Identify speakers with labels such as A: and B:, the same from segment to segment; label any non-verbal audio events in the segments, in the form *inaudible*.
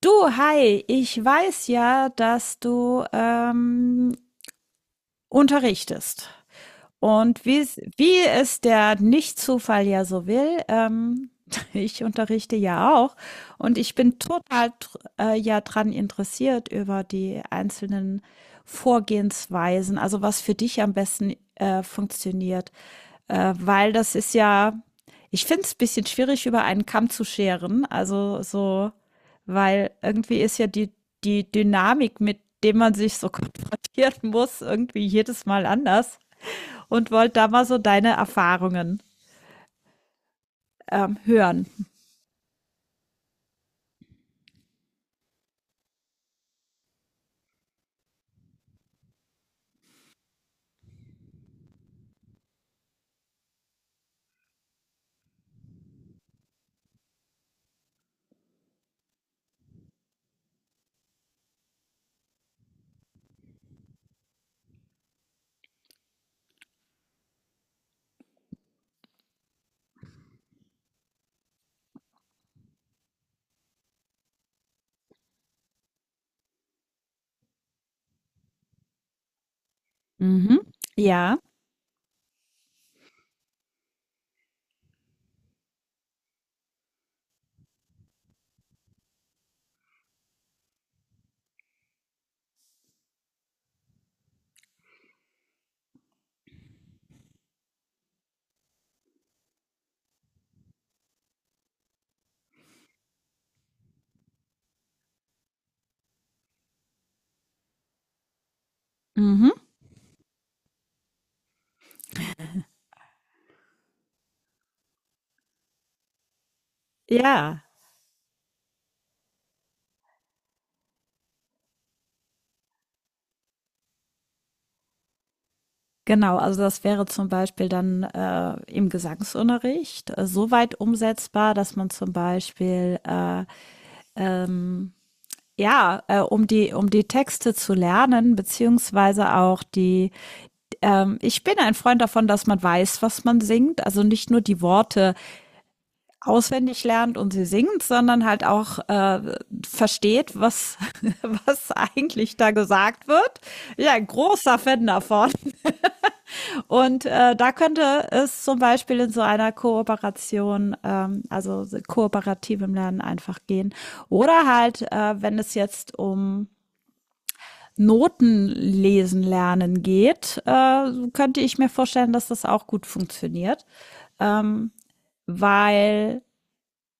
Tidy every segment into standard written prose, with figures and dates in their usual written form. A: Du, hi, ich weiß ja, dass du unterrichtest. Und wie es der Nicht-Zufall ja so will, *laughs* ich unterrichte ja auch und ich bin total ja dran interessiert über die einzelnen Vorgehensweisen, also was für dich am besten funktioniert, weil das ist ja, ich finde es ein bisschen schwierig, über einen Kamm zu scheren, also so, weil irgendwie ist ja die Dynamik, mit dem man sich so *laughs* konfrontieren muss, irgendwie jedes Mal anders, und wollte da mal so deine Erfahrungen hören. Mhm. Ja. Mhm. Ja, genau. Also das wäre zum Beispiel dann im Gesangsunterricht so weit umsetzbar, dass man zum Beispiel ja, um die Texte zu lernen, beziehungsweise auch die. Ich bin ein Freund davon, dass man weiß, was man singt. Also nicht nur die Worte auswendig lernt und sie singt, sondern halt auch versteht, was, *laughs* was eigentlich da gesagt wird. Ja, ein großer Fan davon. Und da könnte es zum Beispiel in so einer Kooperation, also kooperativem Lernen, einfach gehen. Oder halt, wenn es jetzt um Noten lesen lernen geht, könnte ich mir vorstellen, dass das auch gut funktioniert. Ähm, weil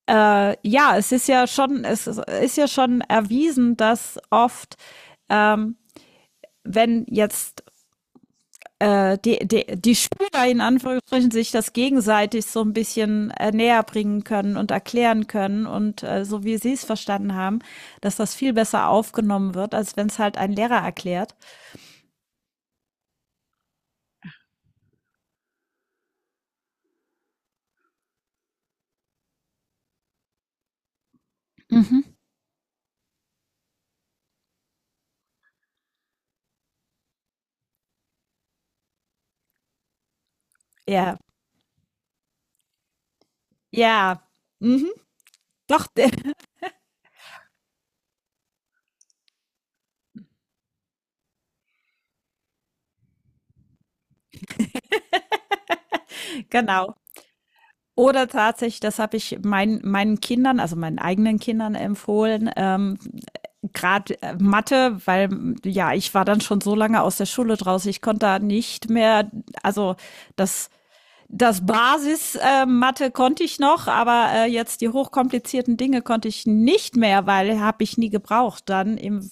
A: Ja, es ist ja schon, ja schon erwiesen, dass oft, ähm, wenn jetzt die Schüler in Anführungsstrichen sich das gegenseitig so ein bisschen näher bringen können und erklären können und so wie sie es verstanden haben, dass das viel besser aufgenommen wird, als wenn es halt ein Lehrer erklärt. Mhm. Ja, ja, mhm. Doch. *laughs* Genau. Oder tatsächlich, das habe ich meinen Kindern, also meinen eigenen Kindern, empfohlen, gerade Mathe, weil ja, ich war dann schon so lange aus der Schule draußen, ich konnte da nicht mehr, also das das Basis-Mathe konnte ich noch, aber jetzt die hochkomplizierten Dinge konnte ich nicht mehr, weil habe ich nie gebraucht dann im *laughs*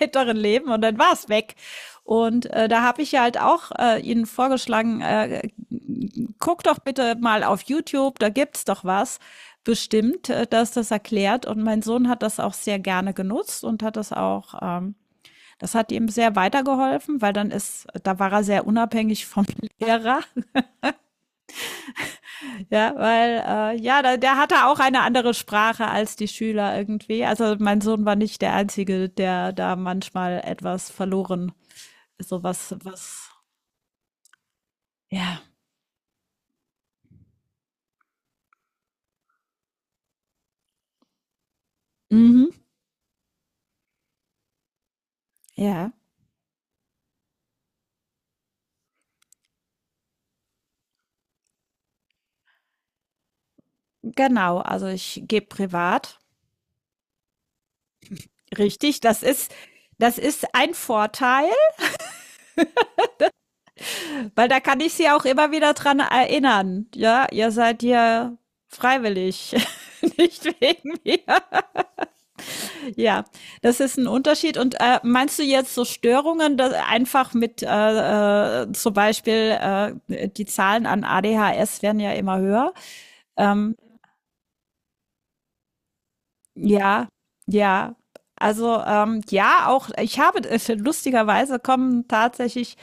A: weiteren Leben, und dann war es weg. Und da habe ich ja halt auch Ihnen vorgeschlagen, guck doch bitte mal auf YouTube, da gibt's doch was bestimmt, dass das erklärt. Und mein Sohn hat das auch sehr gerne genutzt und hat das auch, das hat ihm sehr weitergeholfen, weil dann ist, da war er sehr unabhängig vom *laughs* Lehrer, ja, weil ja, da, der hatte auch eine andere Sprache als die Schüler irgendwie. Also mein Sohn war nicht der einzige, der da manchmal etwas verloren, so was, ja, mhm. Ja, genau. Also ich gebe privat. Richtig, das ist ein Vorteil, weil da kann ich sie auch immer wieder dran erinnern. Ja, ihr seid hier freiwillig, *laughs* nicht wegen mir. Ja, das ist ein Unterschied. Und meinst du jetzt so Störungen, dass einfach mit zum Beispiel die Zahlen an ADHS werden ja immer höher? Ähm, Ja, ja. Also, ja, auch ich habe lustigerweise kommen tatsächlich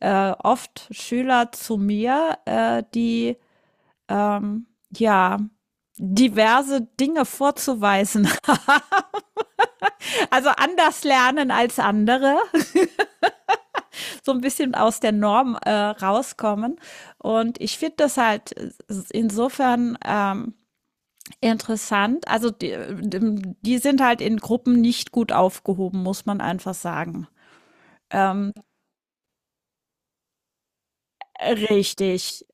A: oft Schüler zu mir, die ähm, ja, diverse Dinge vorzuweisen. *laughs* Also anders lernen als andere, *laughs* so ein bisschen aus der Norm rauskommen. Und ich finde das halt insofern interessant. Also die sind halt in Gruppen nicht gut aufgehoben, muss man einfach sagen. Ähm, richtig,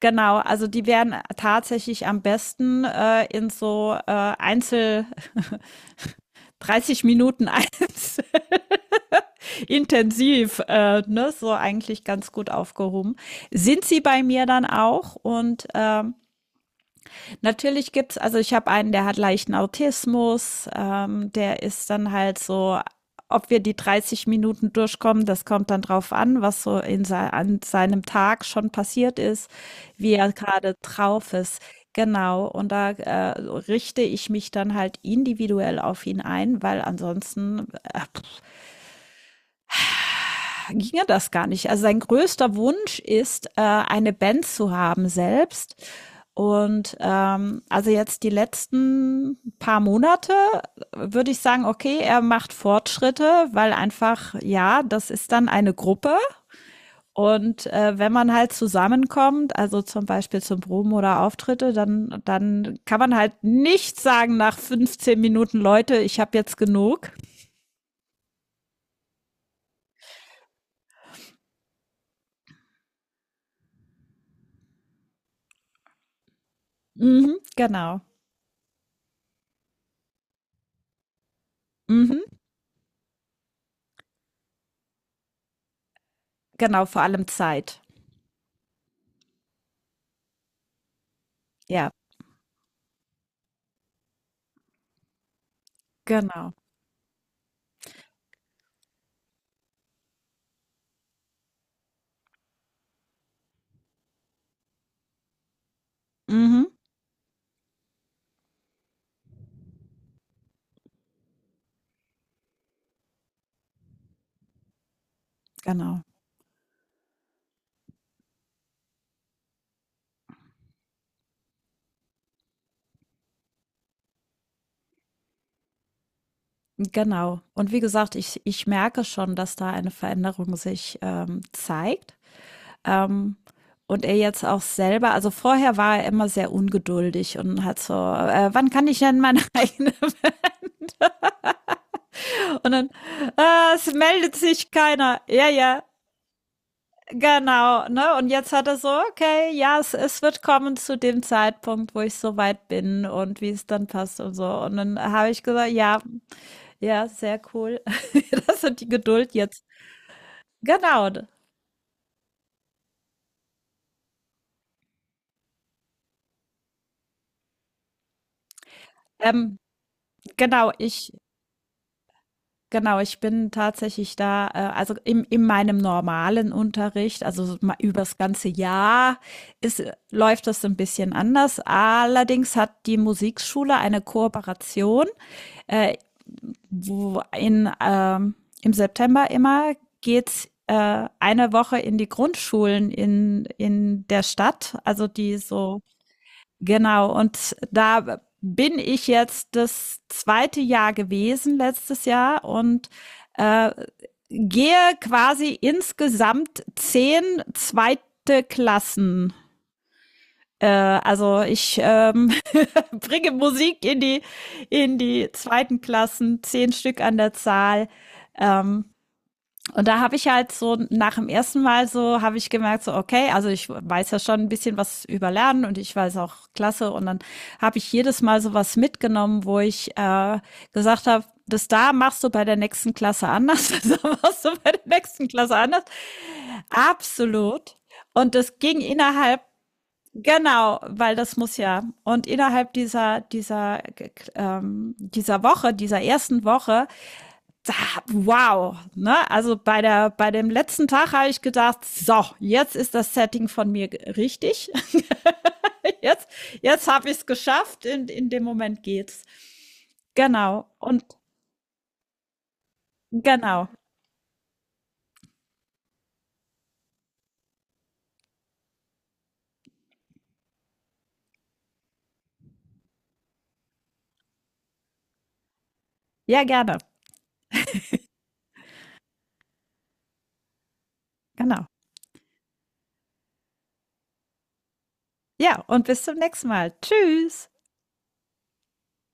A: genau. Also die werden tatsächlich am besten in so Einzel, *laughs* 30 Minuten, *laughs* eins intensiv, ne, so eigentlich ganz gut aufgehoben. Sind sie bei mir dann auch, und natürlich gibt's, also ich habe einen, der hat leichten Autismus, der ist dann halt so, ob wir die 30 Minuten durchkommen, das kommt dann drauf an, was so in an seinem Tag schon passiert ist, wie er gerade drauf ist. Genau, und da richte ich mich dann halt individuell auf ihn ein, weil ansonsten ginge das gar nicht. Also sein größter Wunsch ist, eine Band zu haben selbst. Und also jetzt die letzten paar Monate würde ich sagen, okay, er macht Fortschritte, weil einfach, ja, das ist dann eine Gruppe. Und wenn man halt zusammenkommt, also zum Beispiel zum Proben oder Auftritte, dann kann man halt nicht sagen nach 15 Minuten, Leute, ich habe jetzt genug. Mhm, genau. Mhm, genau, vor allem Zeit. Ja. Genau. Mhm. Genau. Genau. Und wie gesagt, ich merke schon, dass da eine Veränderung sich, zeigt, ähm, und er jetzt auch selber, also vorher war er immer sehr ungeduldig und hat so: Wann kann ich denn meine *laughs* eigene“ und dann: „Ah, es meldet sich keiner. Ja, ja, genau“, ne? Und jetzt hat er so: „Okay, ja, es wird kommen zu dem Zeitpunkt, wo ich so weit bin und wie es dann passt und so.“ Und dann habe ich gesagt: „Ja, ja, sehr cool.“ *laughs* Das hat die Geduld jetzt. Genau. Ähm, genau, ich, genau, ich bin tatsächlich da, also im, in meinem normalen Unterricht, also so übers ganze Jahr ist, läuft das ein bisschen anders. Allerdings hat die Musikschule eine Kooperation, äh, wo in, im September immer geht's eine Woche in die Grundschulen in der Stadt, also die so. Genau, und da bin ich jetzt das zweite Jahr gewesen, letztes Jahr, und äh, gehe quasi insgesamt zehn zweite Klassen. Also ich *laughs* bringe Musik in die zweiten Klassen, zehn Stück an der Zahl. Ähm, und da habe ich halt so nach dem ersten Mal so habe ich gemerkt, so okay, also ich weiß ja schon ein bisschen was über Lernen und ich weiß auch klasse, und dann habe ich jedes Mal so was mitgenommen, wo ich gesagt habe, das da machst du bei der nächsten Klasse anders, *laughs* das da machst du bei der nächsten Klasse anders. Absolut. Und das ging innerhalb. Genau, weil das muss ja. Und innerhalb dieser Woche, dieser ersten Woche, wow, ne? Also bei dem letzten Tag habe ich gedacht, so, jetzt ist das Setting von mir richtig. *laughs* Jetzt jetzt habe ich es geschafft, in dem Moment geht's. Genau. Und genau. Ja, gerne. Genau. Ja, und bis zum nächsten Mal. Tschüss.